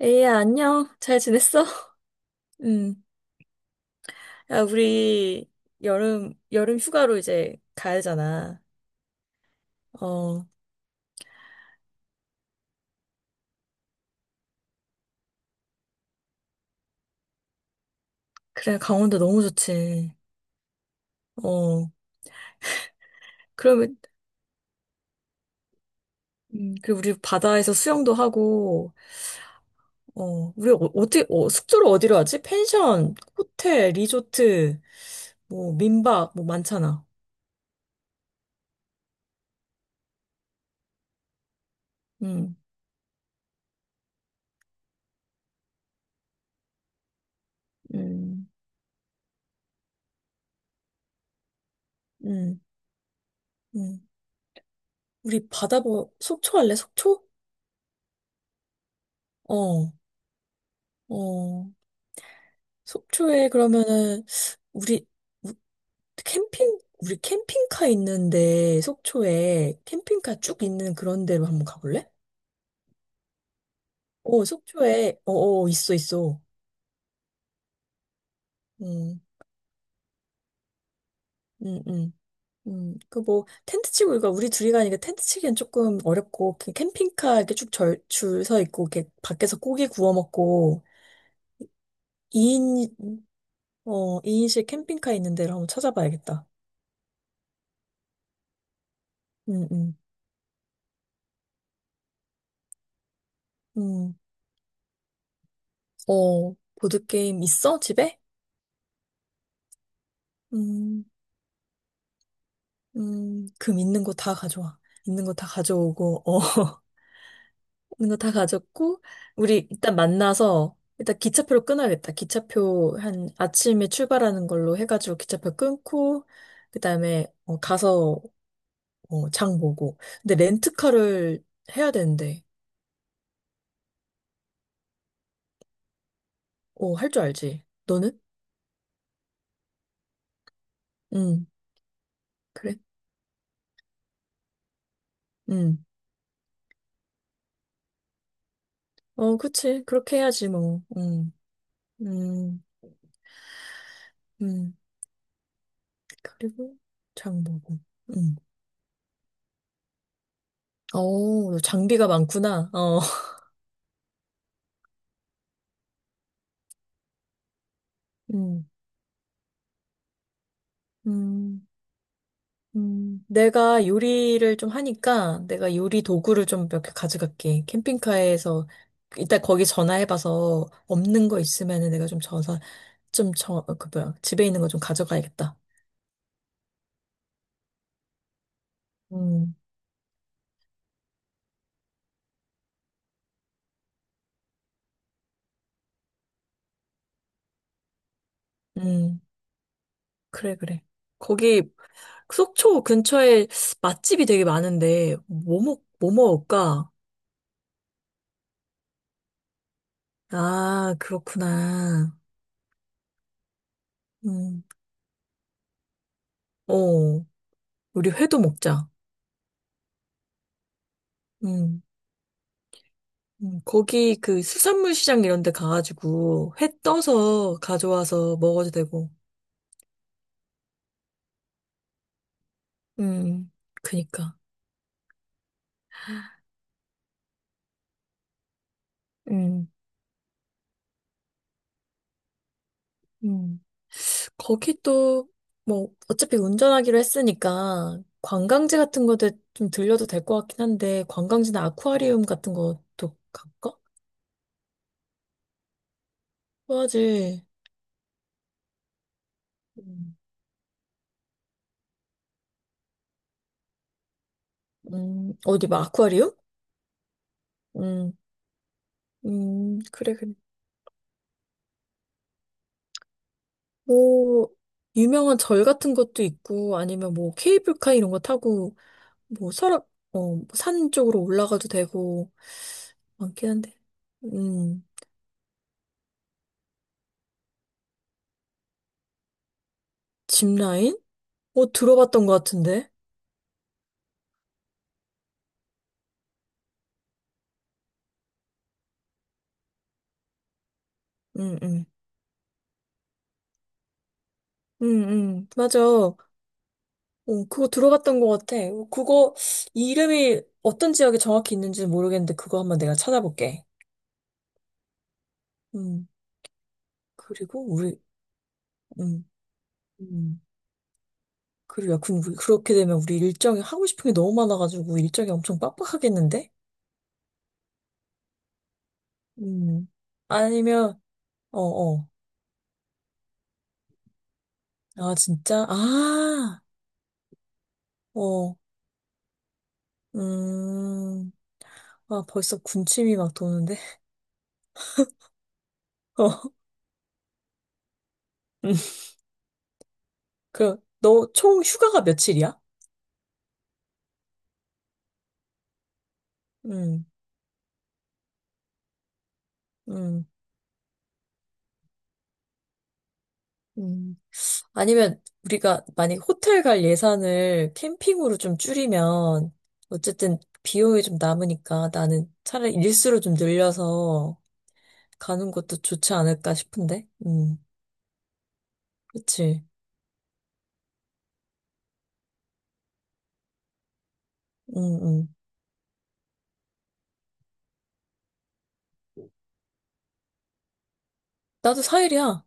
에이야, 안녕. 잘 지냈어? 응. 야, 우리 여름 휴가로 이제 가야 되잖아. 어, 그래, 강원도 너무 좋지. 어, 그러면, 그리고 우리 바다에서 수영도 하고, 우리 어디, 숙소를 어디로 하지? 펜션, 호텔, 리조트, 뭐, 민박, 뭐 많잖아. 응, 응, 응, 응. 우리 속초 할래? 속초? 어, 어. 속초에 그러면은, 우리, 우리 캠핑카 있는데, 속초에 캠핑카 쭉 있는 그런 데로 한번 가볼래? 어, 속초에, 있어, 있어. 음, 음, 음. 그 뭐, 텐트 치고, 이거 우리 둘이 가니까 텐트 치기엔 조금 어렵고, 그 캠핑카 이렇게 쭉 줄 서 있고, 이렇게 밖에서 고기 구워 먹고, 2인, 2인실 캠핑카 있는 데를 한번 찾아봐야겠다. 음, 음, 음. 어, 보드게임 있어? 집에? 음. 금 있는 거 다 가져와. 있는 거 다 가져오고, 어, 있는 거 다 가졌고, 우리 일단 만나서, 일단 기차표로 끊어야겠다. 기차표 한 아침에 출발하는 걸로 해가지고 기차표 끊고, 그 다음에 가서 장 보고. 근데 렌트카를 해야 되는데, 어, 할 줄 알지? 너는? 응, 그래? 응. 어, 그치. 그렇게 해야지, 뭐. 응, 응, 응. 그리고 장 보고. 응. 어, 장비가 많구나. 어. 음, 음, 내가 요리를 좀 하니까 내가 요리 도구를 좀 몇 개 가져갈게. 캠핑카에서 일단 거기 전화해봐서 없는 거 있으면은 내가 좀 전화 좀 그 뭐야 집에 있는 거 좀 가져가야겠다. 음, 음, 그래 그래. 거기 속초 근처에 맛집이 되게 많은데 뭐 먹을까? 아, 그렇구나. 음, 어, 우리 회도 먹자. 음. 거기 그 수산물 시장 이런 데 가가지고 회 떠서 가져와서 먹어도 되고. 음, 그니까. 음, 음. 거기 또, 뭐, 어차피 운전하기로 했으니까 관광지 같은 거도 좀 들려도 될 것 같긴 한데, 관광지나 아쿠아리움 같은 것도 갈까? 좋아하지. 음, 어디 막 아쿠아리움? 음, 그래, 그래. 뭐, 유명한 절 같은 것도 있고, 아니면 뭐 케이블카 이런 거 타고 뭐 설악 어산 쪽으로 올라가도 되고 많긴 한데 음. 짚라인, 어, 들어봤던 것 같은데 응응 응응 맞아 어. 그거 들어봤던 것 같아. 어, 그거 이름이 어떤 지역에 정확히 있는지 는 모르겠는데 그거 한번 내가 찾아볼게. 음. 그리고 우리 음음. 그리고 야 근 그렇게 되면 우리 일정이 하고 싶은 게 너무 많아가지고 일정이 엄청 빡빡하겠는데 음. 아니면 어어아 진짜 아어 음. 아, 벌써 군침이 막 도는데? 어, 음, 그, 너 총 휴가가 며칠이야? 음, 음, 음. 아니면 우리가 만약에 호텔 갈 예산을 캠핑으로 좀 줄이면, 어쨌든 비용이 좀 남으니까 나는 차라리 일수로 좀 늘려서 가는 것도 좋지 않을까 싶은데? 그치. 음, 음. 나도 4일이야.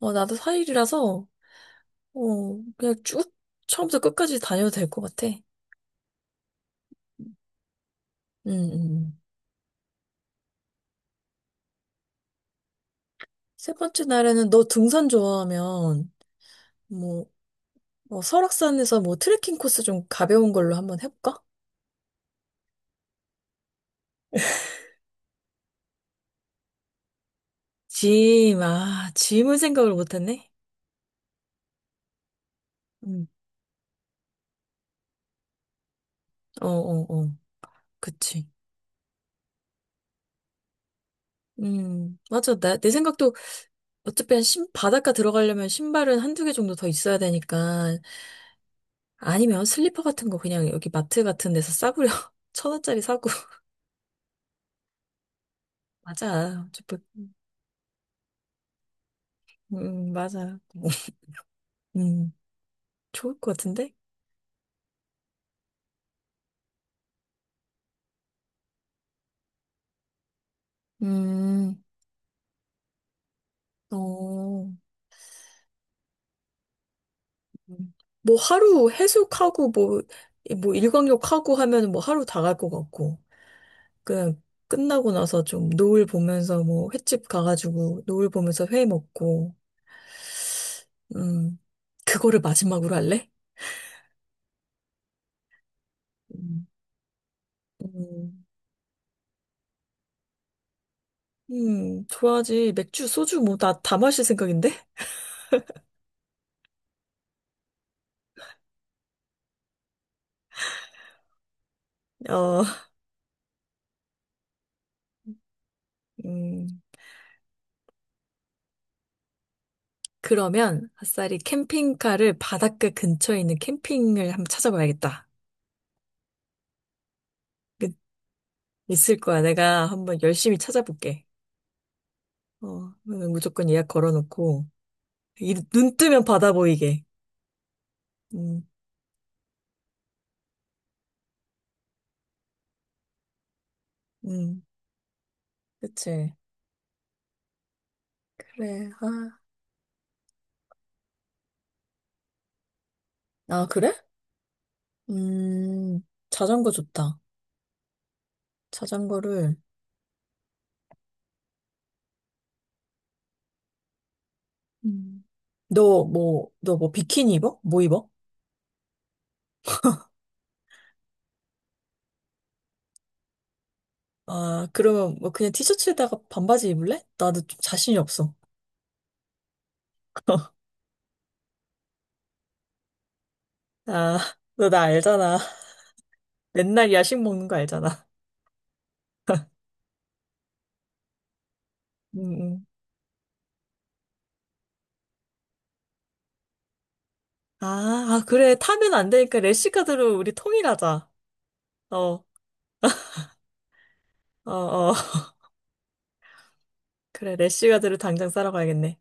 어, 나도 4일이라서, 그냥 쭉 처음부터 끝까지 다녀도 될 것 같아. 음, 음. 음. 세 번째 날에는 너 등산 좋아하면 뭐, 뭐 설악산에서 뭐 트레킹 코스 좀 가벼운 걸로 한번 해볼까? 짐을 생각을 못했네? 음. 어, 어, 어. 그치. 맞아. 내 생각도 어차피 바닷가 들어가려면 신발은 한두 개 정도 더 있어야 되니까. 아니면 슬리퍼 같은 거 그냥 여기 마트 같은 데서 싸구려. 1,000원짜리 사고. 맞아. 어차피, 맞아. 음, 좋을 것 같은데? 음, 어. 음. 뭐 하루 해수욕하고 뭐, 뭐 일광욕하고 하면 뭐 하루 다 갈 것 같고. 그냥 끝나고 나서 좀 노을 보면서 뭐 횟집 가가지고 노을 보면서 회 먹고. 음. 그거를 마지막으로 할래? 음. 음. 좋아하지. 맥주, 소주 뭐 다 마실 생각인데? 어, 음. 그러면 아싸리 캠핑카를 바닷가 근처에 있는 캠핑을 한번 찾아봐야겠다. 그- 있을 거야. 내가 한번 열심히 찾아볼게. 어, 무조건 예약 걸어놓고, 눈 뜨면 바다 보이게. 음, 음, 그치. 그래, 아. 아, 그래? 음, 자전거 좋다. 자전거를, 음. 너 뭐 비키니 입어? 뭐 입어? 아, 그러면 뭐 그냥 티셔츠에다가 반바지 입을래? 나도 좀 자신이 없어. 아, 너 나 알잖아. 맨날 야식 먹는 거 알잖아. 응 응. 아, 아, 그래. 타면 안 되니까 래시카드로 우리 통일하자. 어, 어, 어. 그래, 래쉬가드를 당장 싸러 가야겠네.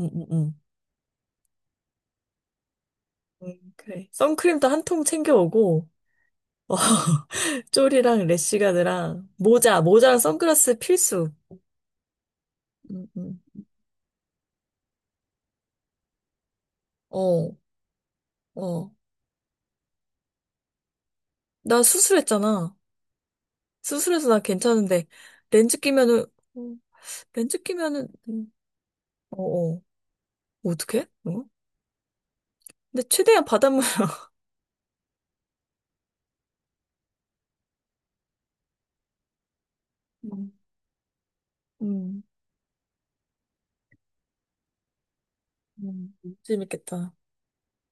응, 응, 응. 응 그래. 선크림도 한 통 챙겨오고, 어, 쫄이랑 래쉬가드랑 모자랑 선글라스 필수. 응, 응. 어, 어. 나 수술했잖아. 수술해서 나 괜찮은데, 렌즈 끼면은, 어, 렌즈 끼면은, 어, 어. 뭐 어떡해? 어? 근데 최대한 바닷물. 음, 음, 재밌겠다.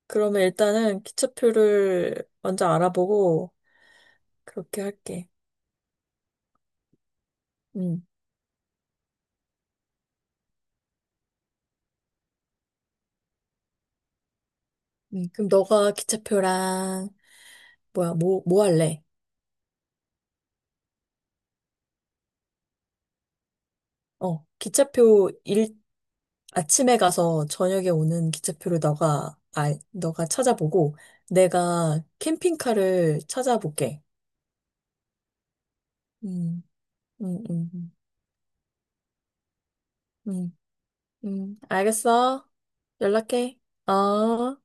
그러면 일단은 기차표를 먼저 알아보고, 그렇게 할게. 음. 네, 그럼 너가 기차표랑 뭐야 뭐 할래? 어 기차표 일 아침에 가서 저녁에 오는 기차표를 너가 찾아보고 내가 캠핑카를 찾아볼게. 음, 음, 음, 음, 음, 알겠어. 연락해. 어.